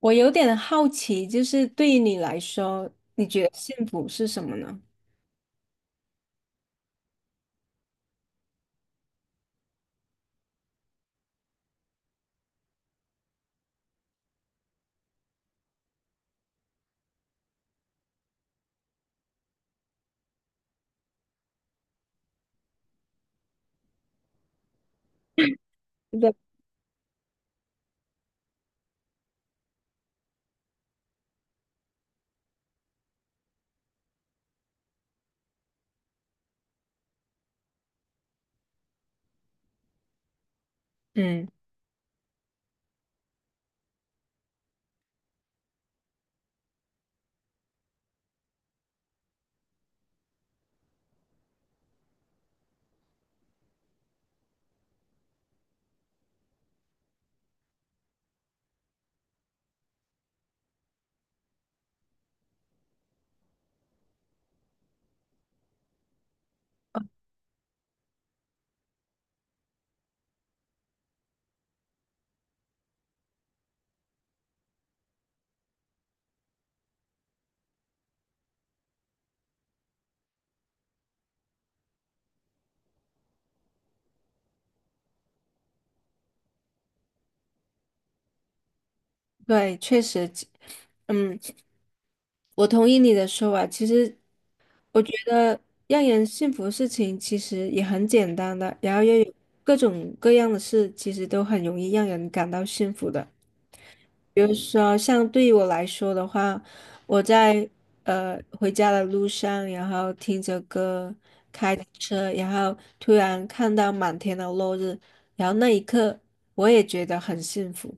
我有点好奇，就是对于你来说，你觉得幸福是什么呢？对，嗯，对，确实，嗯，我同意你的说法。其实，我觉得让人幸福的事情其实也很简单的，然后又有各种各样的事，其实都很容易让人感到幸福的。比如说，像对于我来说的话，我在回家的路上，然后听着歌，开着车，然后突然看到满天的落日，然后那一刻我也觉得很幸福。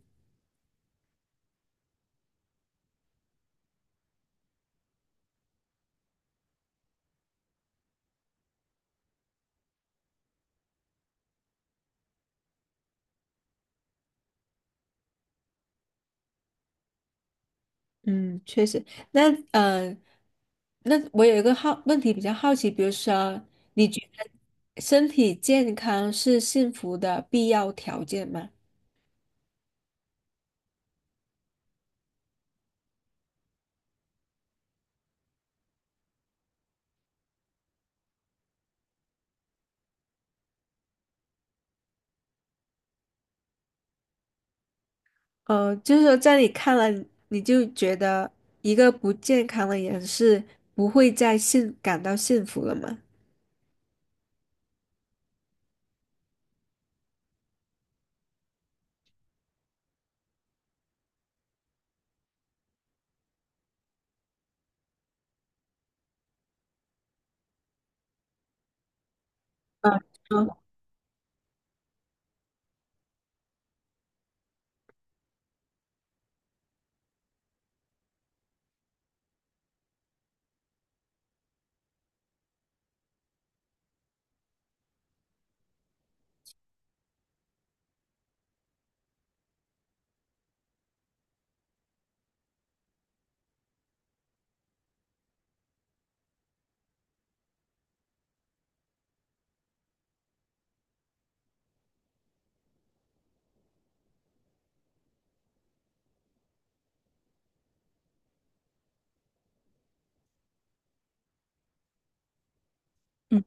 嗯，确实。那呃，那我有一个好问题比较好奇，比如说，你觉得身体健康是幸福的必要条件吗？就是说在你看了，你就觉得一个不健康的人是不会再幸感到幸福了吗？嗯嗯嗯，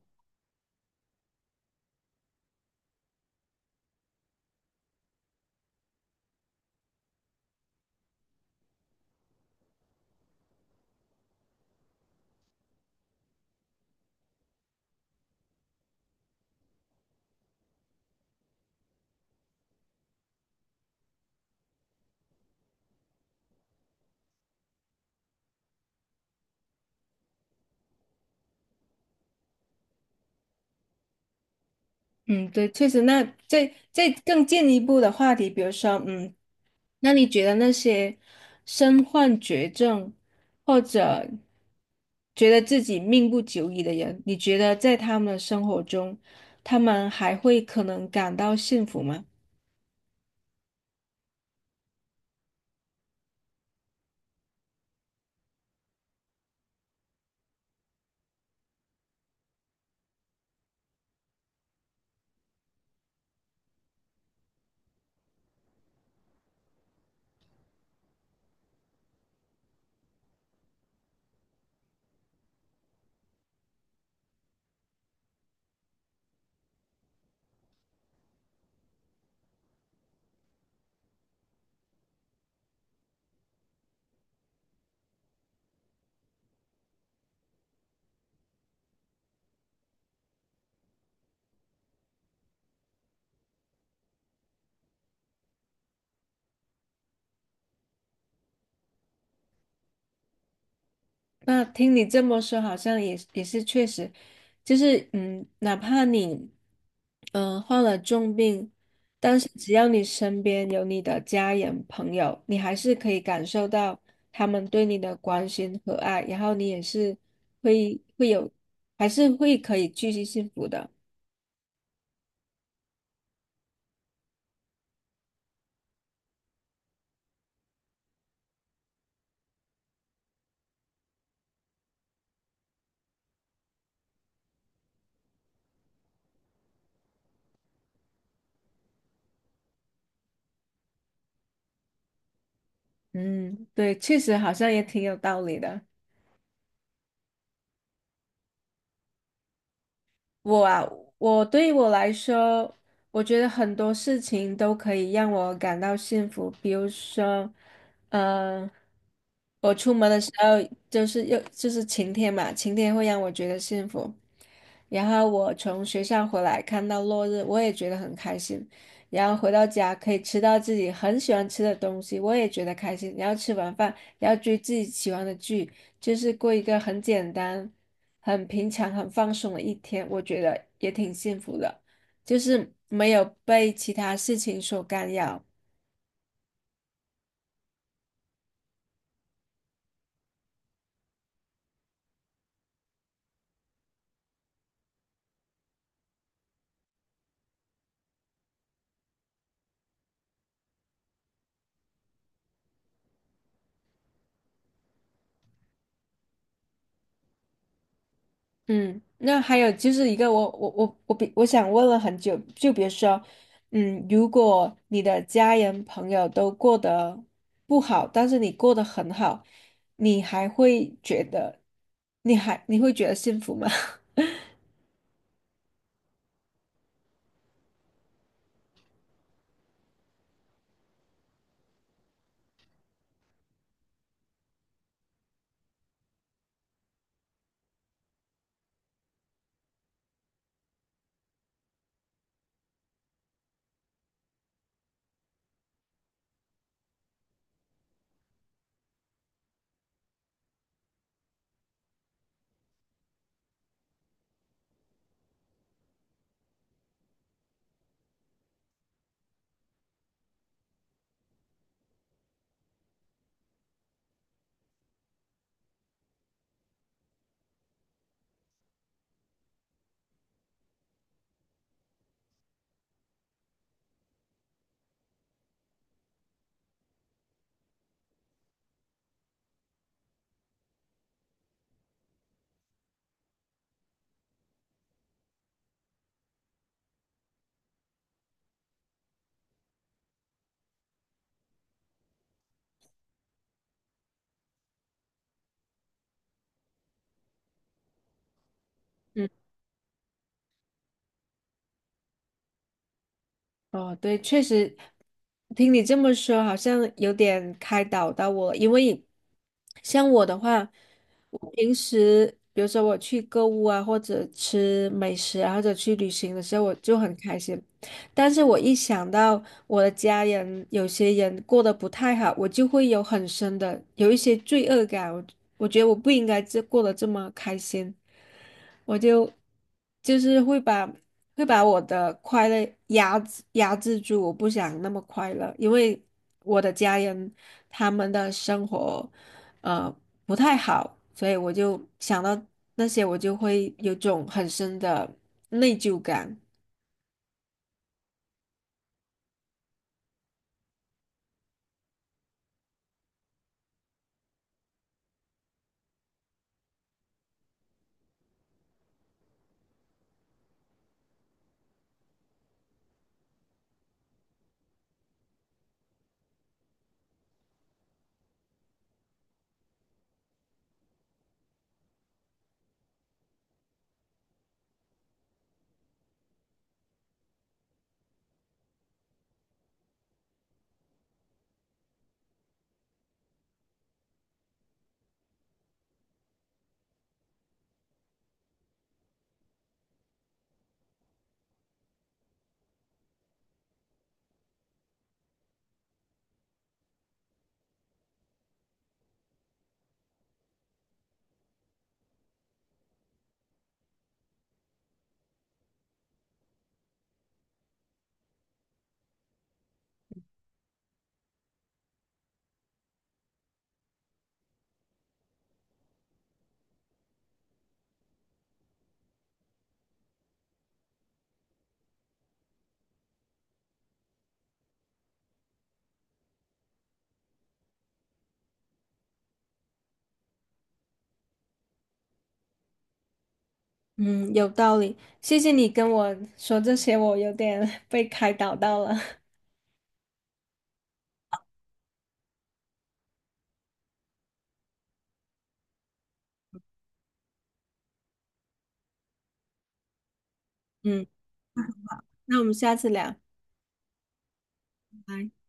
嗯，对，确实。那再更进一步的话题，比如说，嗯，那你觉得那些身患绝症或者觉得自己命不久矣的人，你觉得在他们的生活中，他们还会可能感到幸福吗？那听你这么说，好像也是确实，就是嗯，哪怕你患了重病，但是只要你身边有你的家人朋友，你还是可以感受到他们对你的关心和爱，然后你也是会会有，还是会可以继续幸福的。嗯，对，确实好像也挺有道理的。我啊，我对于我来说，我觉得很多事情都可以让我感到幸福。比如说，嗯、我出门的时候就是又就是晴天嘛，晴天会让我觉得幸福。然后我从学校回来看到落日，我也觉得很开心。然后回到家可以吃到自己很喜欢吃的东西，我也觉得开心。然后吃完饭，然后追自己喜欢的剧，就是过一个很简单、很平常、很放松的一天，我觉得也挺幸福的，就是没有被其他事情所干扰。嗯，那还有就是一个我想问了很久，就比如说，嗯，如果你的家人朋友都过得不好，但是你过得很好，你还会觉得，你会觉得幸福吗？嗯，哦，对，确实，听你这么说，好像有点开导到我了，因为像我的话，我平时比如说我去购物啊，或者吃美食啊，或者去旅行的时候，我就很开心。但是我一想到我的家人有些人过得不太好，我就会有很深的有一些罪恶感。我觉得我不应该过得这么开心，我就就是会把我的快乐压制住，我不想那么快乐，因为我的家人他们的生活呃不太好，所以我就想到那些，我就会有种很深的内疚感。嗯，有道理。谢谢你跟我说这些，我有点 被开导到了。嗯，那我们下次聊，拜拜。